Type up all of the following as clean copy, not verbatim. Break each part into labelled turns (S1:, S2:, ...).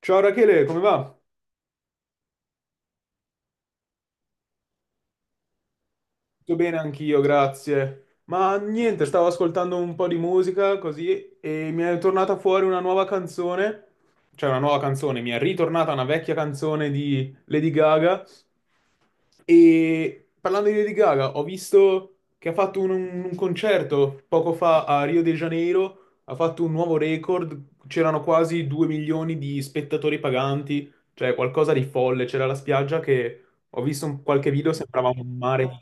S1: Ciao Rachele, come va? Tutto bene anch'io, grazie. Ma niente, stavo ascoltando un po' di musica così e mi è tornata fuori una nuova canzone, cioè una nuova canzone, mi è ritornata una vecchia canzone di Lady Gaga e parlando di Lady Gaga ho visto che ha fatto un concerto poco fa a Rio de Janeiro, ha fatto un nuovo record, c'erano quasi 2 milioni di spettatori paganti, cioè qualcosa di folle, c'era la spiaggia che ho visto un- qualche video, sembrava un mare.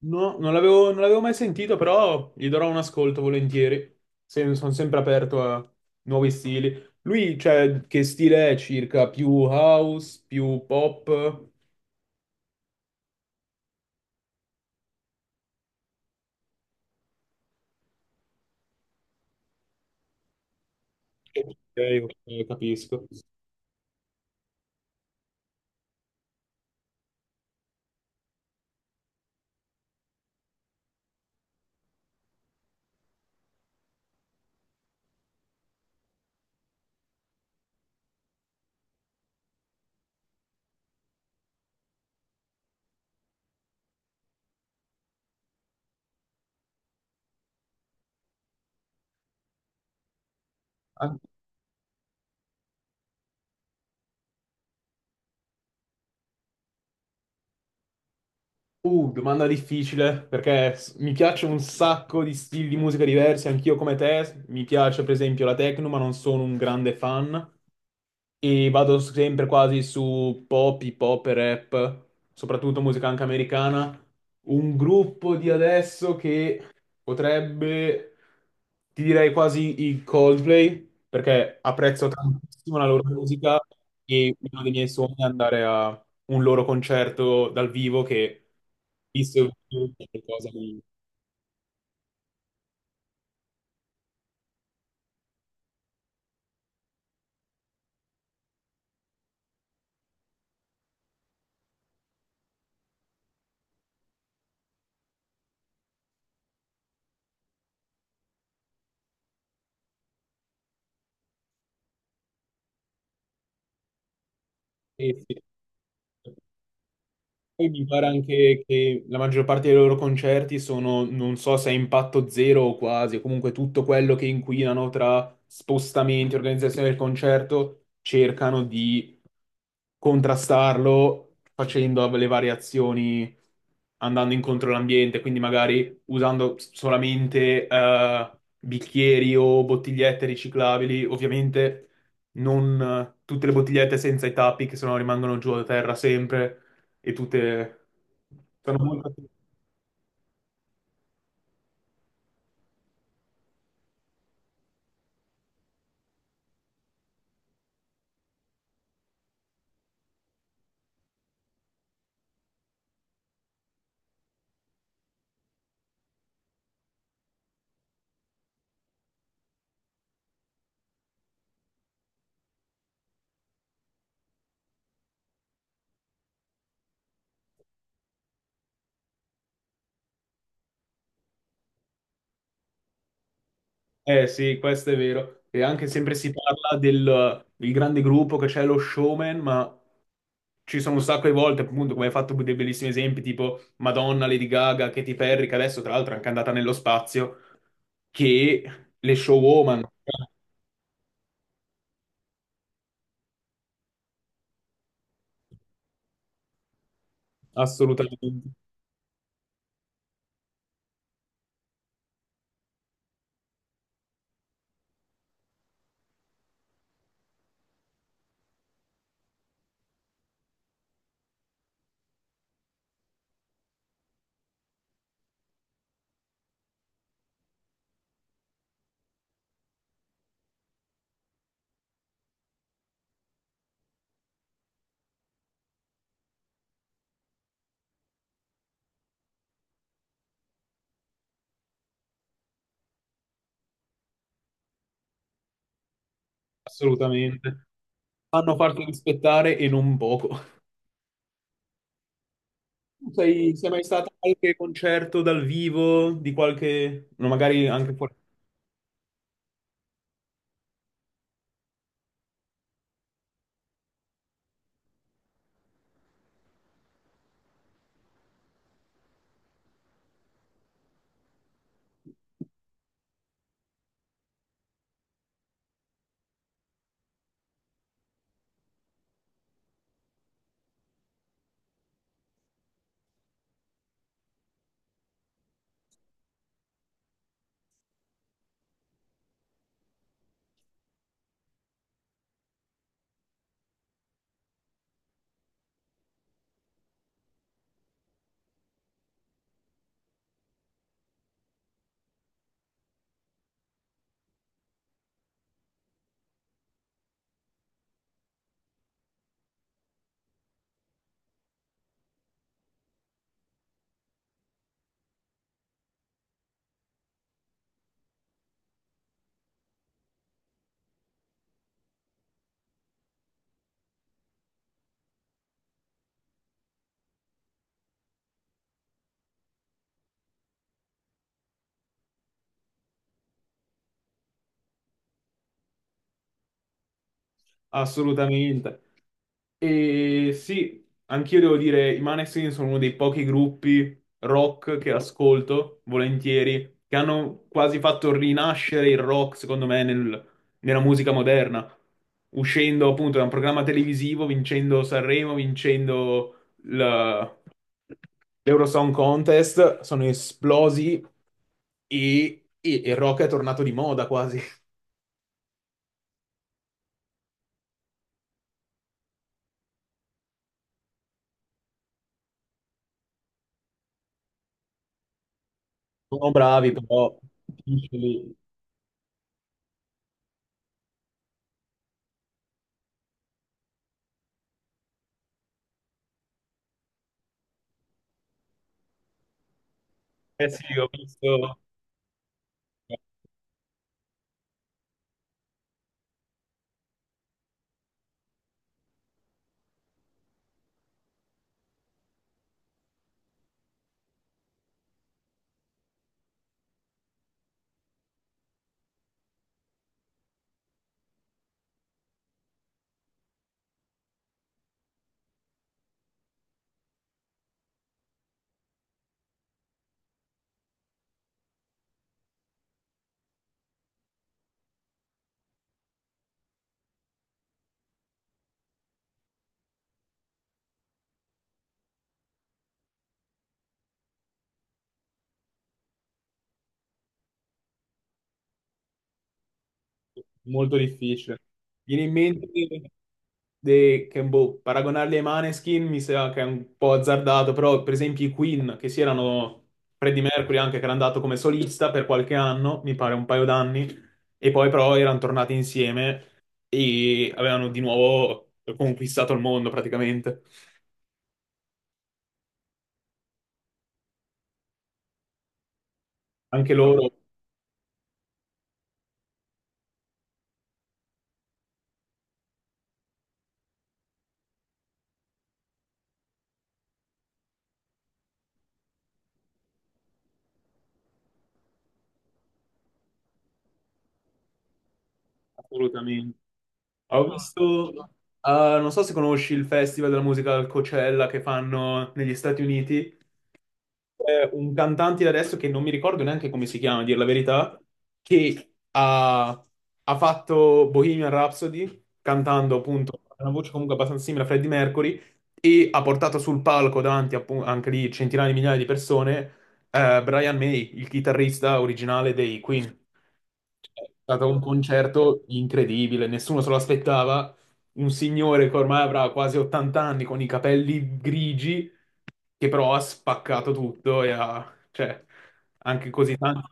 S1: No, non l'avevo mai sentito, però gli darò un ascolto volentieri. Se- sono sempre aperto a nuovi stili. Lui, cioè, che stile è circa? Più house, più pop? Ok, ok, capisco. Ah, Domanda difficile, perché s- mi piace un sacco di stili di musica diversi, anch'io come te. Mi piace, per esempio, la techno, ma non sono un grande fan. E vado sempre quasi su pop, hip hop e rap, soprattutto musica anche americana. Un gruppo di adesso che potrebbe, ti direi quasi i Coldplay, perché apprezzo tantissimo la loro musica e uno dei miei sogni è andare a un loro concerto dal vivo che, visto e visto, è qualcosa di... eh sì. Poi mi pare anche che la maggior parte dei loro concerti sono, non so se a impatto zero o quasi, o comunque tutto quello che inquinano tra spostamenti, organizzazione del concerto, cercano di contrastarlo facendo le variazioni, andando incontro all'ambiente, quindi magari usando solamente bicchieri o bottigliette riciclabili, ovviamente non tutte le bottigliette senza i tappi che sennò rimangono giù a terra sempre e tutte sono molto... Eh sì, questo è vero. E anche sempre si parla del grande gruppo che c'è lo showman, ma ci sono un sacco di volte, appunto, come hai fatto dei bellissimi esempi, tipo Madonna, Lady Gaga, Katy Perry, che adesso tra l'altro è anche andata nello spazio, che le showwoman, assolutamente, assolutamente, fanno farti rispettare e non poco. Tu sei, sei mai stato a qualche concerto dal vivo di qualche, no, magari anche fuori? Assolutamente. E sì, anch'io devo dire, i Maneskin sono uno dei pochi gruppi rock che ascolto volentieri, che hanno quasi fatto rinascere il rock, secondo me, nel- nella musica moderna, uscendo appunto da un programma televisivo, vincendo Sanremo, vincendo la- l'Eurosong Contest, sono esplosi e il rock è tornato di moda quasi. Sono bravi, però... difficili. Eh sì, ho visto... molto difficile. Viene in mente de- che, boh, paragonarli ai Maneskin mi sa che è un po' azzardato, però per esempio i Queen, che si erano Freddie Mercury anche, che era andato come solista per qualche anno, mi pare un paio d'anni, e poi però erano tornati insieme e avevano di nuovo conquistato il mondo praticamente. Anche loro, assolutamente. Ho visto, eh, non so se conosci il Festival della musica al Coachella che fanno negli Stati Uniti. C'è un cantante di adesso che non mi ricordo neanche come si chiama, a dir la verità, che ha, ha fatto Bohemian Rhapsody, cantando appunto una voce comunque abbastanza simile a Freddie Mercury, e ha portato sul palco davanti appu- anche lì centinaia di migliaia di persone, Brian May, il chitarrista originale dei Queen. È stato un concerto incredibile, nessuno se lo aspettava. Un signore che ormai avrà quasi 80 anni con i capelli grigi, che però ha spaccato tutto e ha, cioè, anche così tanto.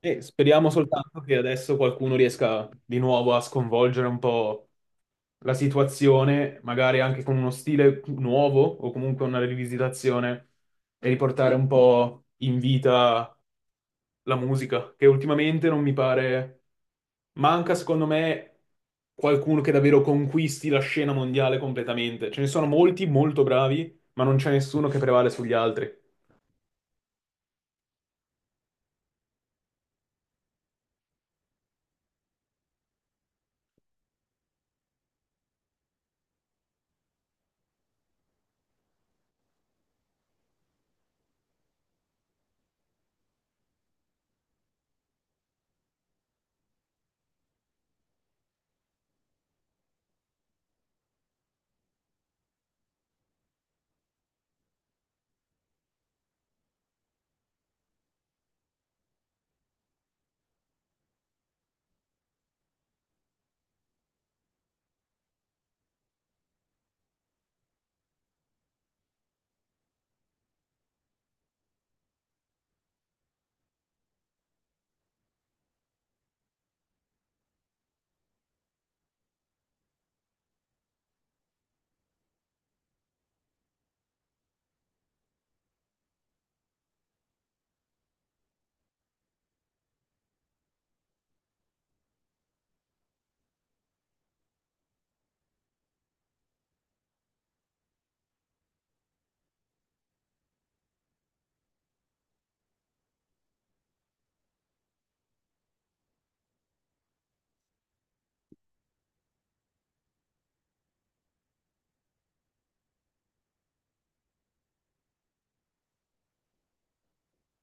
S1: E speriamo soltanto che adesso qualcuno riesca di nuovo a sconvolgere un po' la situazione, magari anche con uno stile nuovo o comunque una rivisitazione e riportare un po' in vita la musica, che ultimamente non mi pare... Manca, secondo me, qualcuno che davvero conquisti la scena mondiale completamente. Ce ne sono molti molto bravi, ma non c'è nessuno che prevale sugli altri.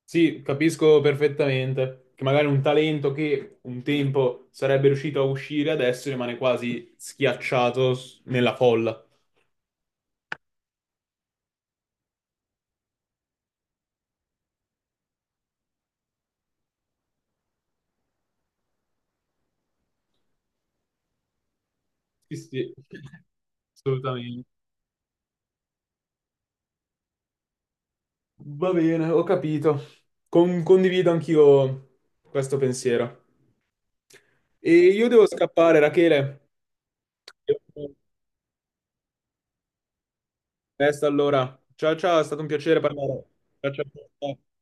S1: Sì, capisco perfettamente che magari un talento che un tempo sarebbe riuscito a uscire adesso rimane quasi schiacciato s- nella folla. Sì, sì, assolutamente. Va bene, ho capito. Con- condivido anch'io questo pensiero. E io devo scappare, Rachele. Resta allora. Ciao ciao, è stato un piacere parlare. Ciao ciao.